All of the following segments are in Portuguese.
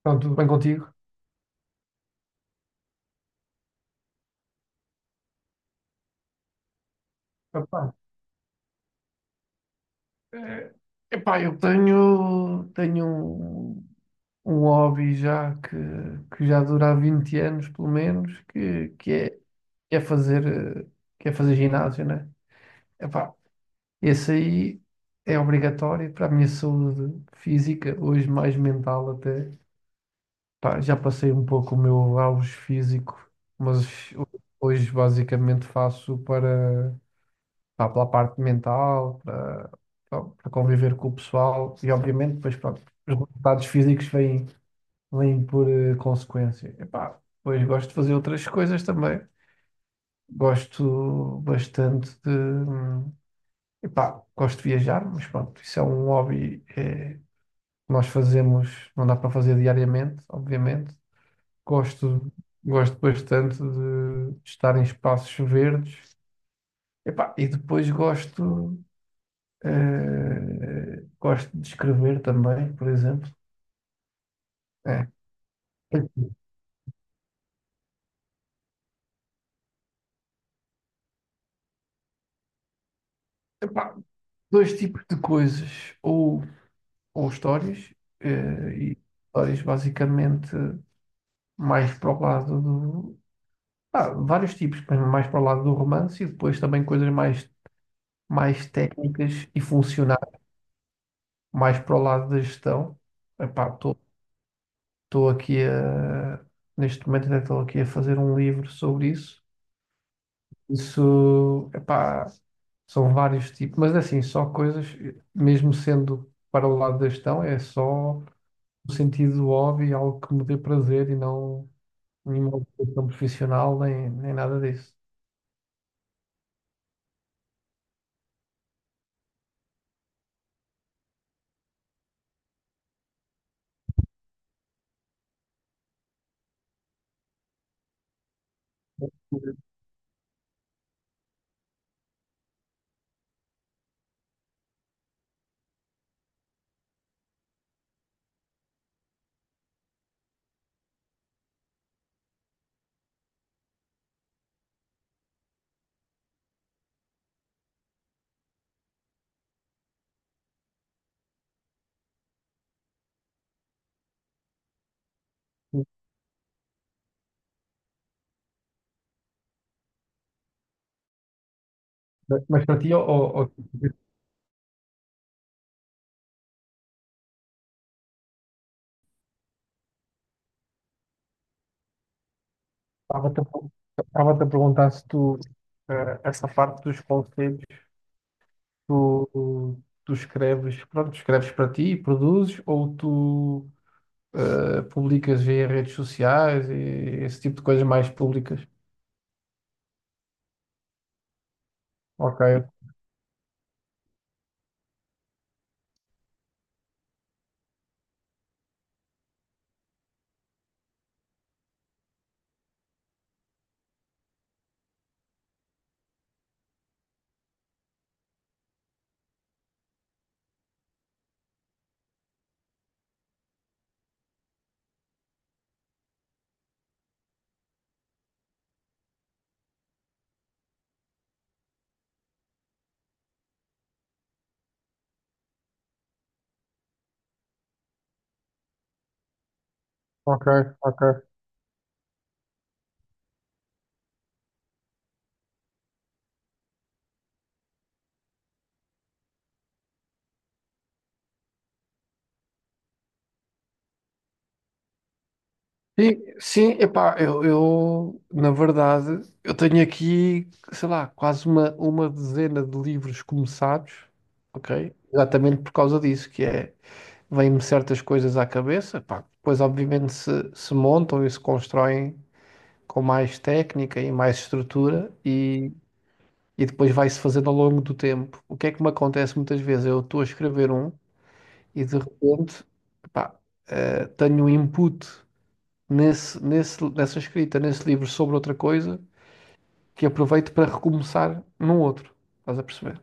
Então, tudo bem contigo? Epá, eh, eu tenho um, um hobby que já dura há 20 anos, pelo menos, que é eh, que é fazer ginásio, né? Epá, esse aí é obrigatório para a minha saúde física, hoje mais mental até. Pá, já passei um pouco o meu auge físico, mas hoje basicamente faço para. Pá, pela parte mental, para, pá, para conviver com o pessoal e, obviamente, depois, pronto, os resultados físicos vêm por consequência. E depois gosto de fazer outras coisas também. Gosto bastante de. Epá, gosto de viajar, mas pronto, isso é um hobby que nós fazemos, não dá para fazer diariamente, obviamente. Gosto, gosto bastante de estar em espaços verdes. Epá, e depois gosto de escrever também, por exemplo. É. Epá, dois tipos de coisas, ou, ou histórias, eh, e histórias basicamente mais para o lado do. Ah, vários tipos, mas mais para o lado do romance e depois também coisas mais técnicas e funcionais, mais para o lado da gestão. Epá, estou aqui a. Neste momento, estou aqui a fazer um livro sobre isso. Isso, epá, são vários tipos, mas assim, só coisas, mesmo sendo para o lado da gestão, é só o sentido do hobby, algo que me dê prazer e não nenhuma ocupação profissional, nem nada disso. Mas para ti, eu a per- estava-te a perguntar se tu, essa parte dos conselhos, tu, tu escreves, pronto, escreves para ti e produzes, ou tu públicas via redes sociais e esse tipo de coisas mais públicas. Ok, ok, ok. Sim, epá, na verdade, eu tenho aqui, sei lá, quase uma dezena de livros começados, ok? Exatamente por causa disso, que é, vêm-me certas coisas à cabeça, pá, depois obviamente se montam e se constroem com mais técnica e mais estrutura e depois vai-se fazendo ao longo do tempo. O que é que me acontece muitas vezes? Eu estou a escrever um e de repente, pá, tenho um input nessa escrita, nesse livro sobre outra coisa que aproveito para recomeçar num outro. Estás a perceber?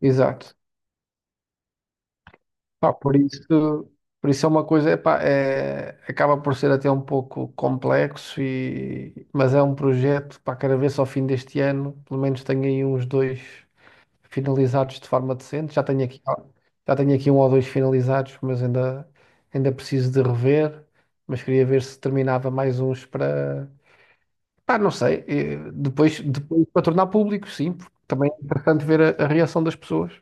Exato. Pá, por isso, por isso é uma coisa, epá, é, acaba por ser até um pouco complexo, e, mas é um projeto, pá, quero ver se ao fim deste ano, pelo menos tenho aí uns dois. Finalizados de forma decente. Já tenho aqui um ou dois finalizados, ainda preciso de rever. Mas queria ver se terminava mais uns para. Pá, não sei. Depois, depois para tornar público, sim, porque também é importante ver a reação das pessoas.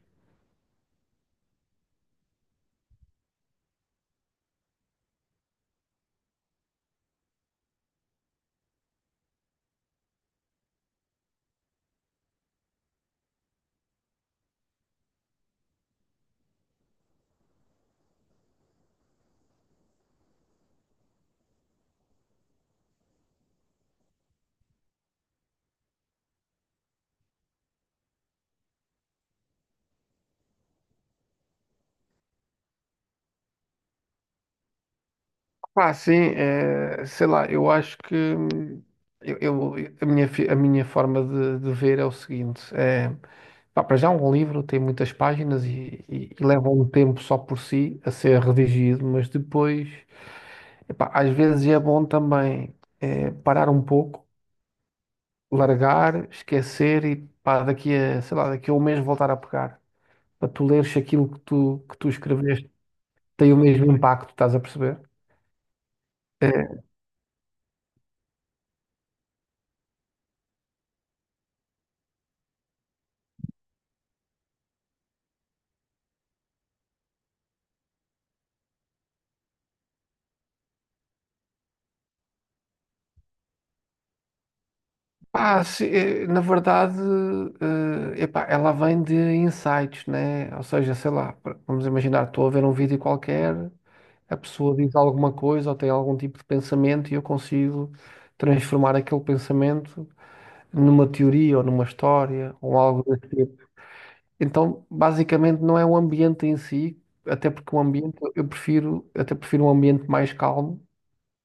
Pá, sim, sei lá, eu acho que eu, eu- a minha, a minha forma de ver é o seguinte: é, pá, para já, um livro tem muitas páginas e leva um tempo só por si a ser redigido, mas depois. Epá, às vezes é bom também parar um pouco, largar, esquecer e pá, daqui a um mês voltar a pegar. Para tu leres se aquilo que tu escreveste tem o mesmo impacto, estás a perceber? Eh, Pá, se- eh, na verdade, epá, ela vem de insights, né? Ou seja, sei lá, vamos imaginar, estou a ver um vídeo qualquer, a pessoa diz alguma coisa ou tem algum tipo de pensamento e eu consigo transformar aquele pensamento. Numa teoria ou numa história ou algo desse tipo. Então, basicamente, não é o ambiente em si, até porque o ambiente, eu até prefiro um ambiente mais calmo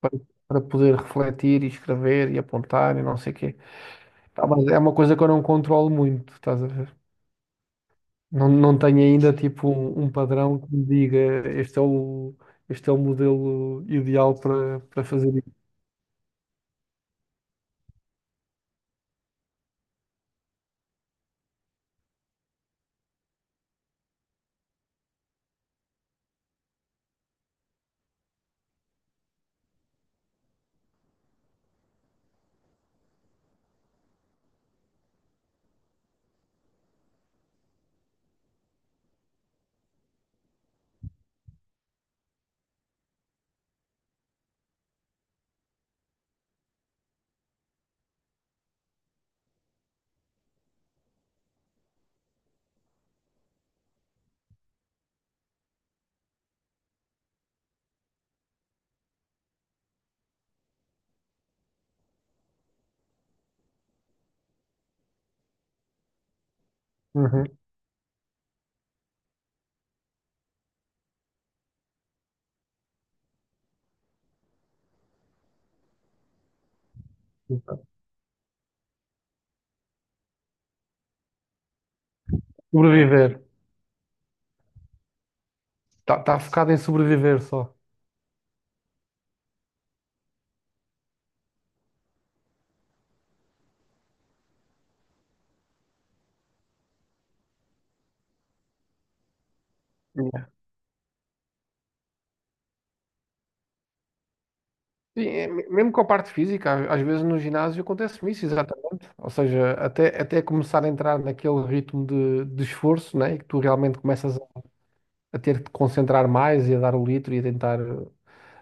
para, para poder refletir e escrever e apontar e não sei o quê. Tá, mas é uma coisa que eu não controlo muito, estás a ver? Não, não tenho ainda tipo um padrão que me diga este é o, este é o modelo ideal para, para fazer isso. Uhum. Sobreviver. Está focado em sobreviver só. Sim, é, mesmo com a parte física, às vezes no ginásio acontece isso, exatamente. Ou seja, até começar a entrar naquele ritmo de esforço, né? E que tu realmente começas a ter que te concentrar mais e a dar o litro e a tentar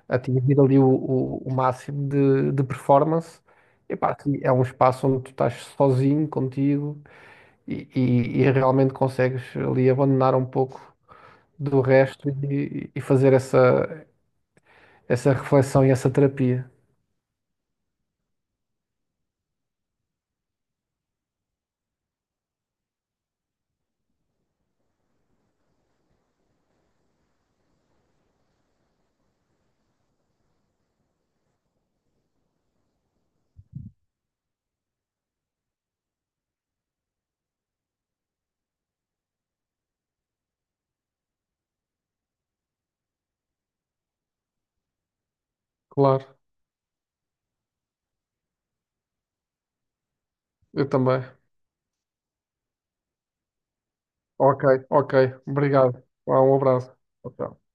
atingir ali o máximo de performance. Epá, sim, é um espaço onde tu estás sozinho, contigo, e realmente consegues ali abandonar um pouco do resto e fazer essa reflexão e essa terapia. Claro, eu também. Ok, ok. Obrigado. Vá, um abraço. Tchau, tchau.